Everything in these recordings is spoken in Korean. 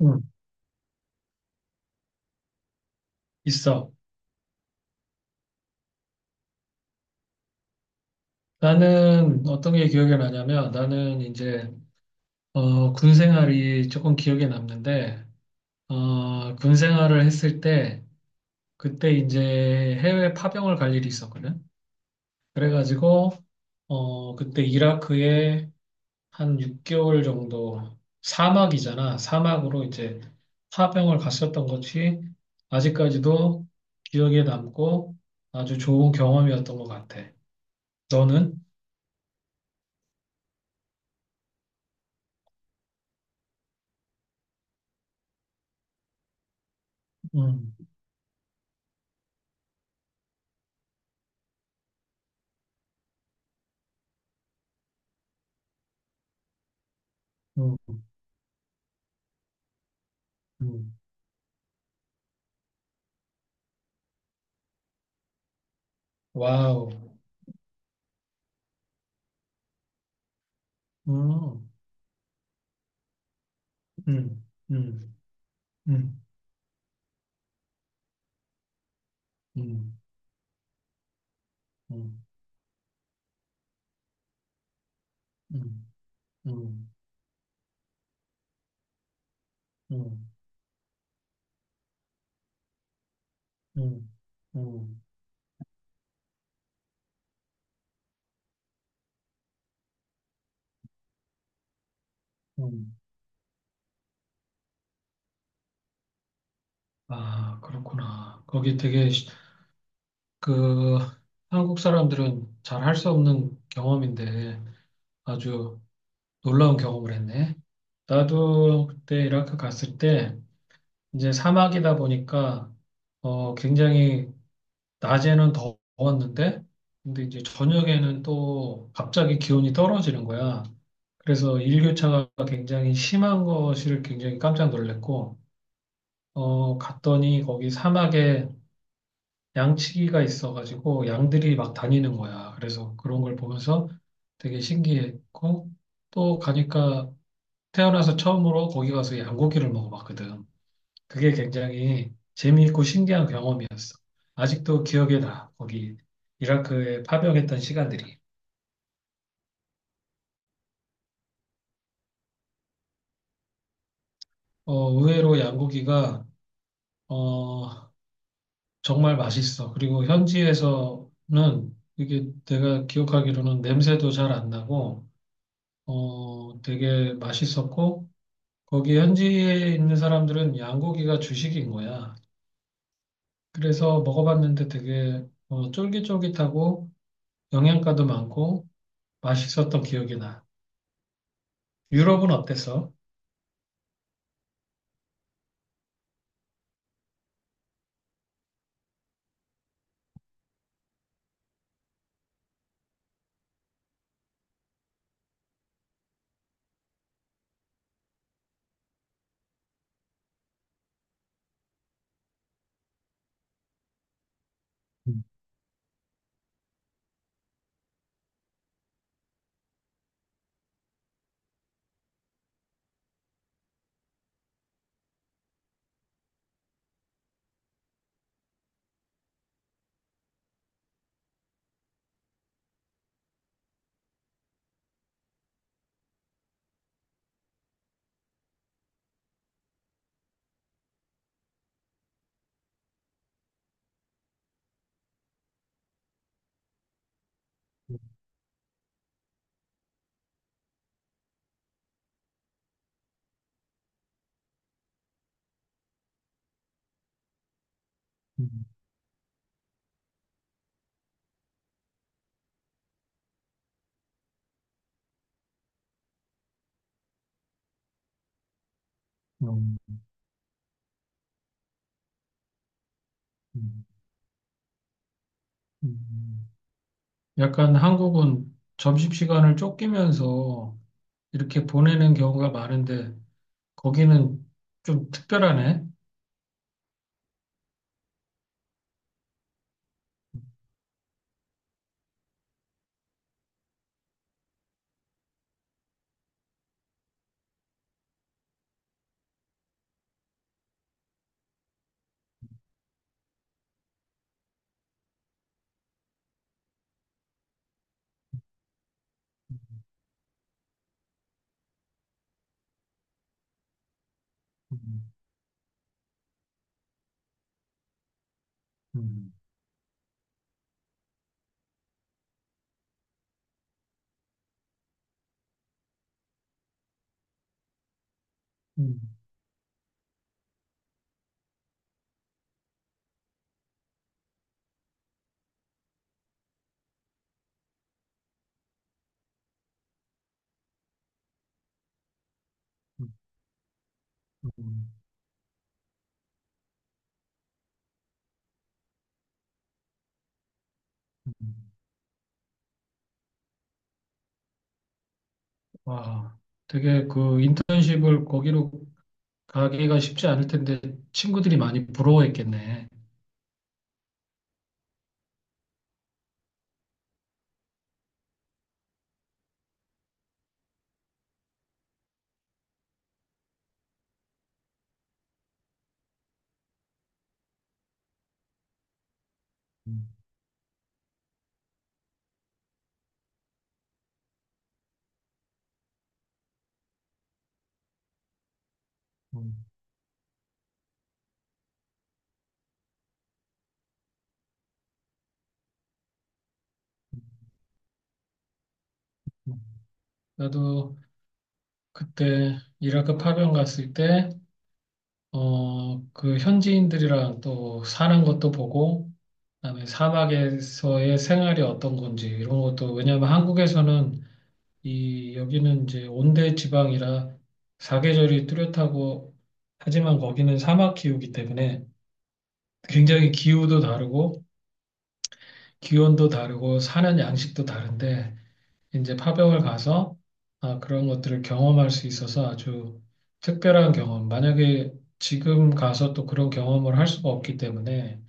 응, 있어. 나는 어떤 게 기억에 나냐면 군 생활이 조금 기억에 남는데 군 생활을 했을 때 그때 이제 해외 파병을 갈 일이 있었거든. 그래가지고 그때 이라크에 한 6개월 정도, 사막이잖아. 사막으로 이제 파병을 갔었던 것이 아직까지도 기억에 남고 아주 좋은 경험이었던 것 같아. 너는? 응, 응, 응. 와우. 음, 음, 음, 음, 음, 음, 음, 음, 음, 음, 음, 음. 아, 그렇구나. 거기 되게 그 한국 사람들은 잘 할 수 없는 경험인데 아주 놀라운 경험을 했네. 나도 그때 이라크 갔을 때 이제 사막이다 보니까 굉장히 낮에는 더웠는데, 근데 이제 저녁에는 또 갑자기 기온이 떨어지는 거야. 그래서 일교차가 굉장히 심한 것을 굉장히 깜짝 놀랐고, 갔더니 거기 사막에 양치기가 있어가지고 양들이 막 다니는 거야. 그래서 그런 걸 보면서 되게 신기했고, 또 가니까 태어나서 처음으로 거기 가서 양고기를 먹어봤거든. 그게 굉장히 재미있고 신기한 경험이었어. 아직도 기억에 나, 거기 이라크에 파병했던 시간들이. 의외로 양고기가 어, 정말 맛있어. 그리고 현지에서는 이게 내가 기억하기로는 냄새도 잘 안 나고 되게 맛있었고 거기 현지에 있는 사람들은 양고기가 주식인 거야. 그래서 먹어봤는데 되게 쫄깃쫄깃하고 영양가도 많고 맛있었던 기억이 나. 유럽은 어땠어? 음, 음, 음, 음, 음. 약간 한국은 점심시간을 쫓기면서 이렇게 보내는 경우가 많은데 거기는 좀 특별하네. 음, 음, 음, 음, 음, 음. 와, 되게 그 인턴십을 거기로 가기가 쉽지 않을 텐데 친구들이 많이 부러워했겠네. 음, 음, 음. 나도 그때 이라크 파병 갔을 때 그 현지인들이랑 또 사는 것도 보고, 그다음에 사막에서의 생활이 어떤 건지 이런 것도 왜냐하면 한국에서는 이 여기는 이제 온대 지방이라 사계절이 뚜렷하고 하지만 거기는 사막 기후이기 때문에 굉장히 기후도 다르고 기온도 다르고 사는 양식도 다른데 이제 파병을 가서 아, 그런 것들을 경험할 수 있어서 아주 특별한 경험. 만약에 지금 가서 또 그런 경험을 할 수가 없기 때문에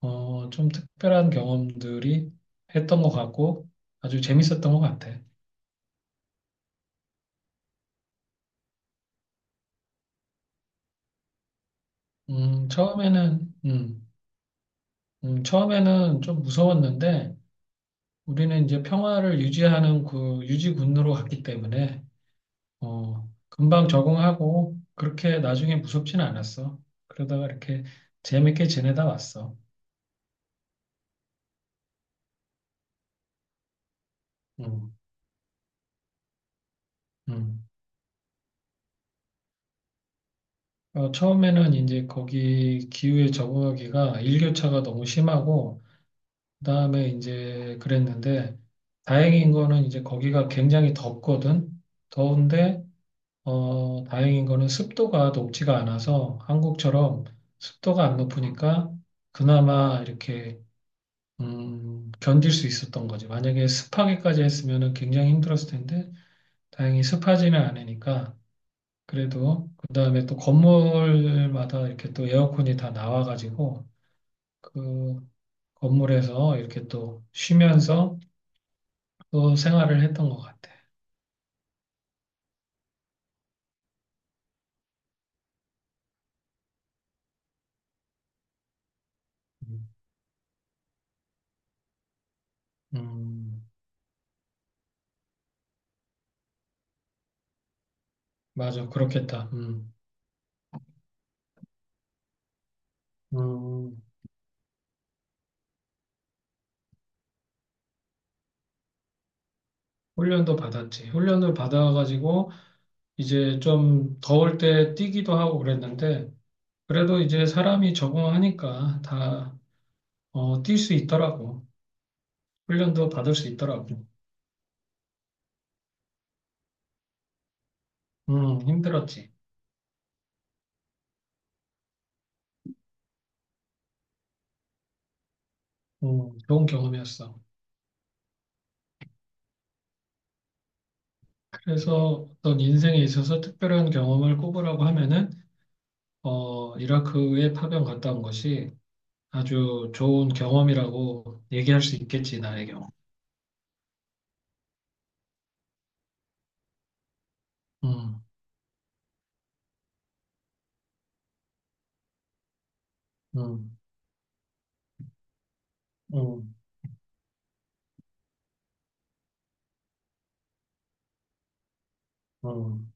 좀 특별한 경험들이 했던 것 같고 아주 재밌었던 것 같아. 음, 처음에는 음, 처음에는 좀 무서웠는데 우리는 이제 평화를 유지하는 그 유지군으로 갔기 때문에 금방 적응하고 그렇게 나중에 무섭진 않았어. 그러다가 이렇게 재밌게 지내다 왔어. 음, 음. 처음에는 이제 거기 기후에 적응하기가 일교차가 너무 심하고 그다음에 이제 그랬는데 다행인 거는 이제 거기가 굉장히 덥거든. 더운데 다행인 거는 습도가 높지가 않아서 한국처럼 습도가 안 높으니까 그나마 이렇게 견딜 수 있었던 거지. 만약에 습하게까지 했으면 굉장히 힘들었을 텐데, 다행히 습하지는 않으니까, 그래도, 그 다음에 또 건물마다 이렇게 또 에어컨이 다 나와가지고, 그 건물에서 이렇게 또 쉬면서 또 생활을 했던 것 같아. 음, 음, 맞아. 그렇겠다. 음, 훈련도 받았지. 훈련을 받아가지고, 이제 좀 더울 때 뛰기도 하고 그랬는데, 그래도 이제 사람이 적응하니까 다 뛸 수 있더라고. 훈련도 받을 수 있더라고. 힘들었지. 좋은 경험이었어. 그래서 어떤 인생에 있어서 특별한 경험을 꼽으라고 하면은, 이라크에 파병 갔다 온 것이 아주 좋은 경험이라고 얘기할 수 있겠지, 나의 경우. 음, 음, 음, 음,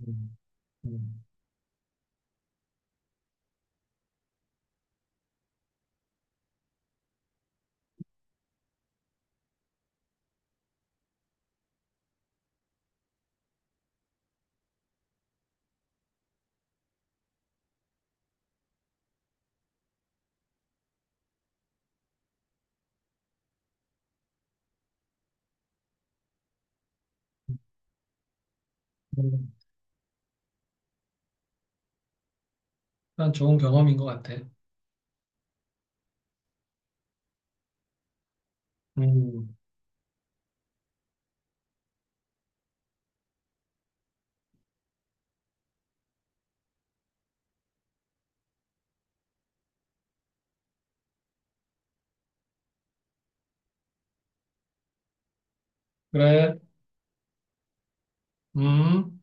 음, 음. 일단 좋은 경험인 것 같아. 음, 그래, 음.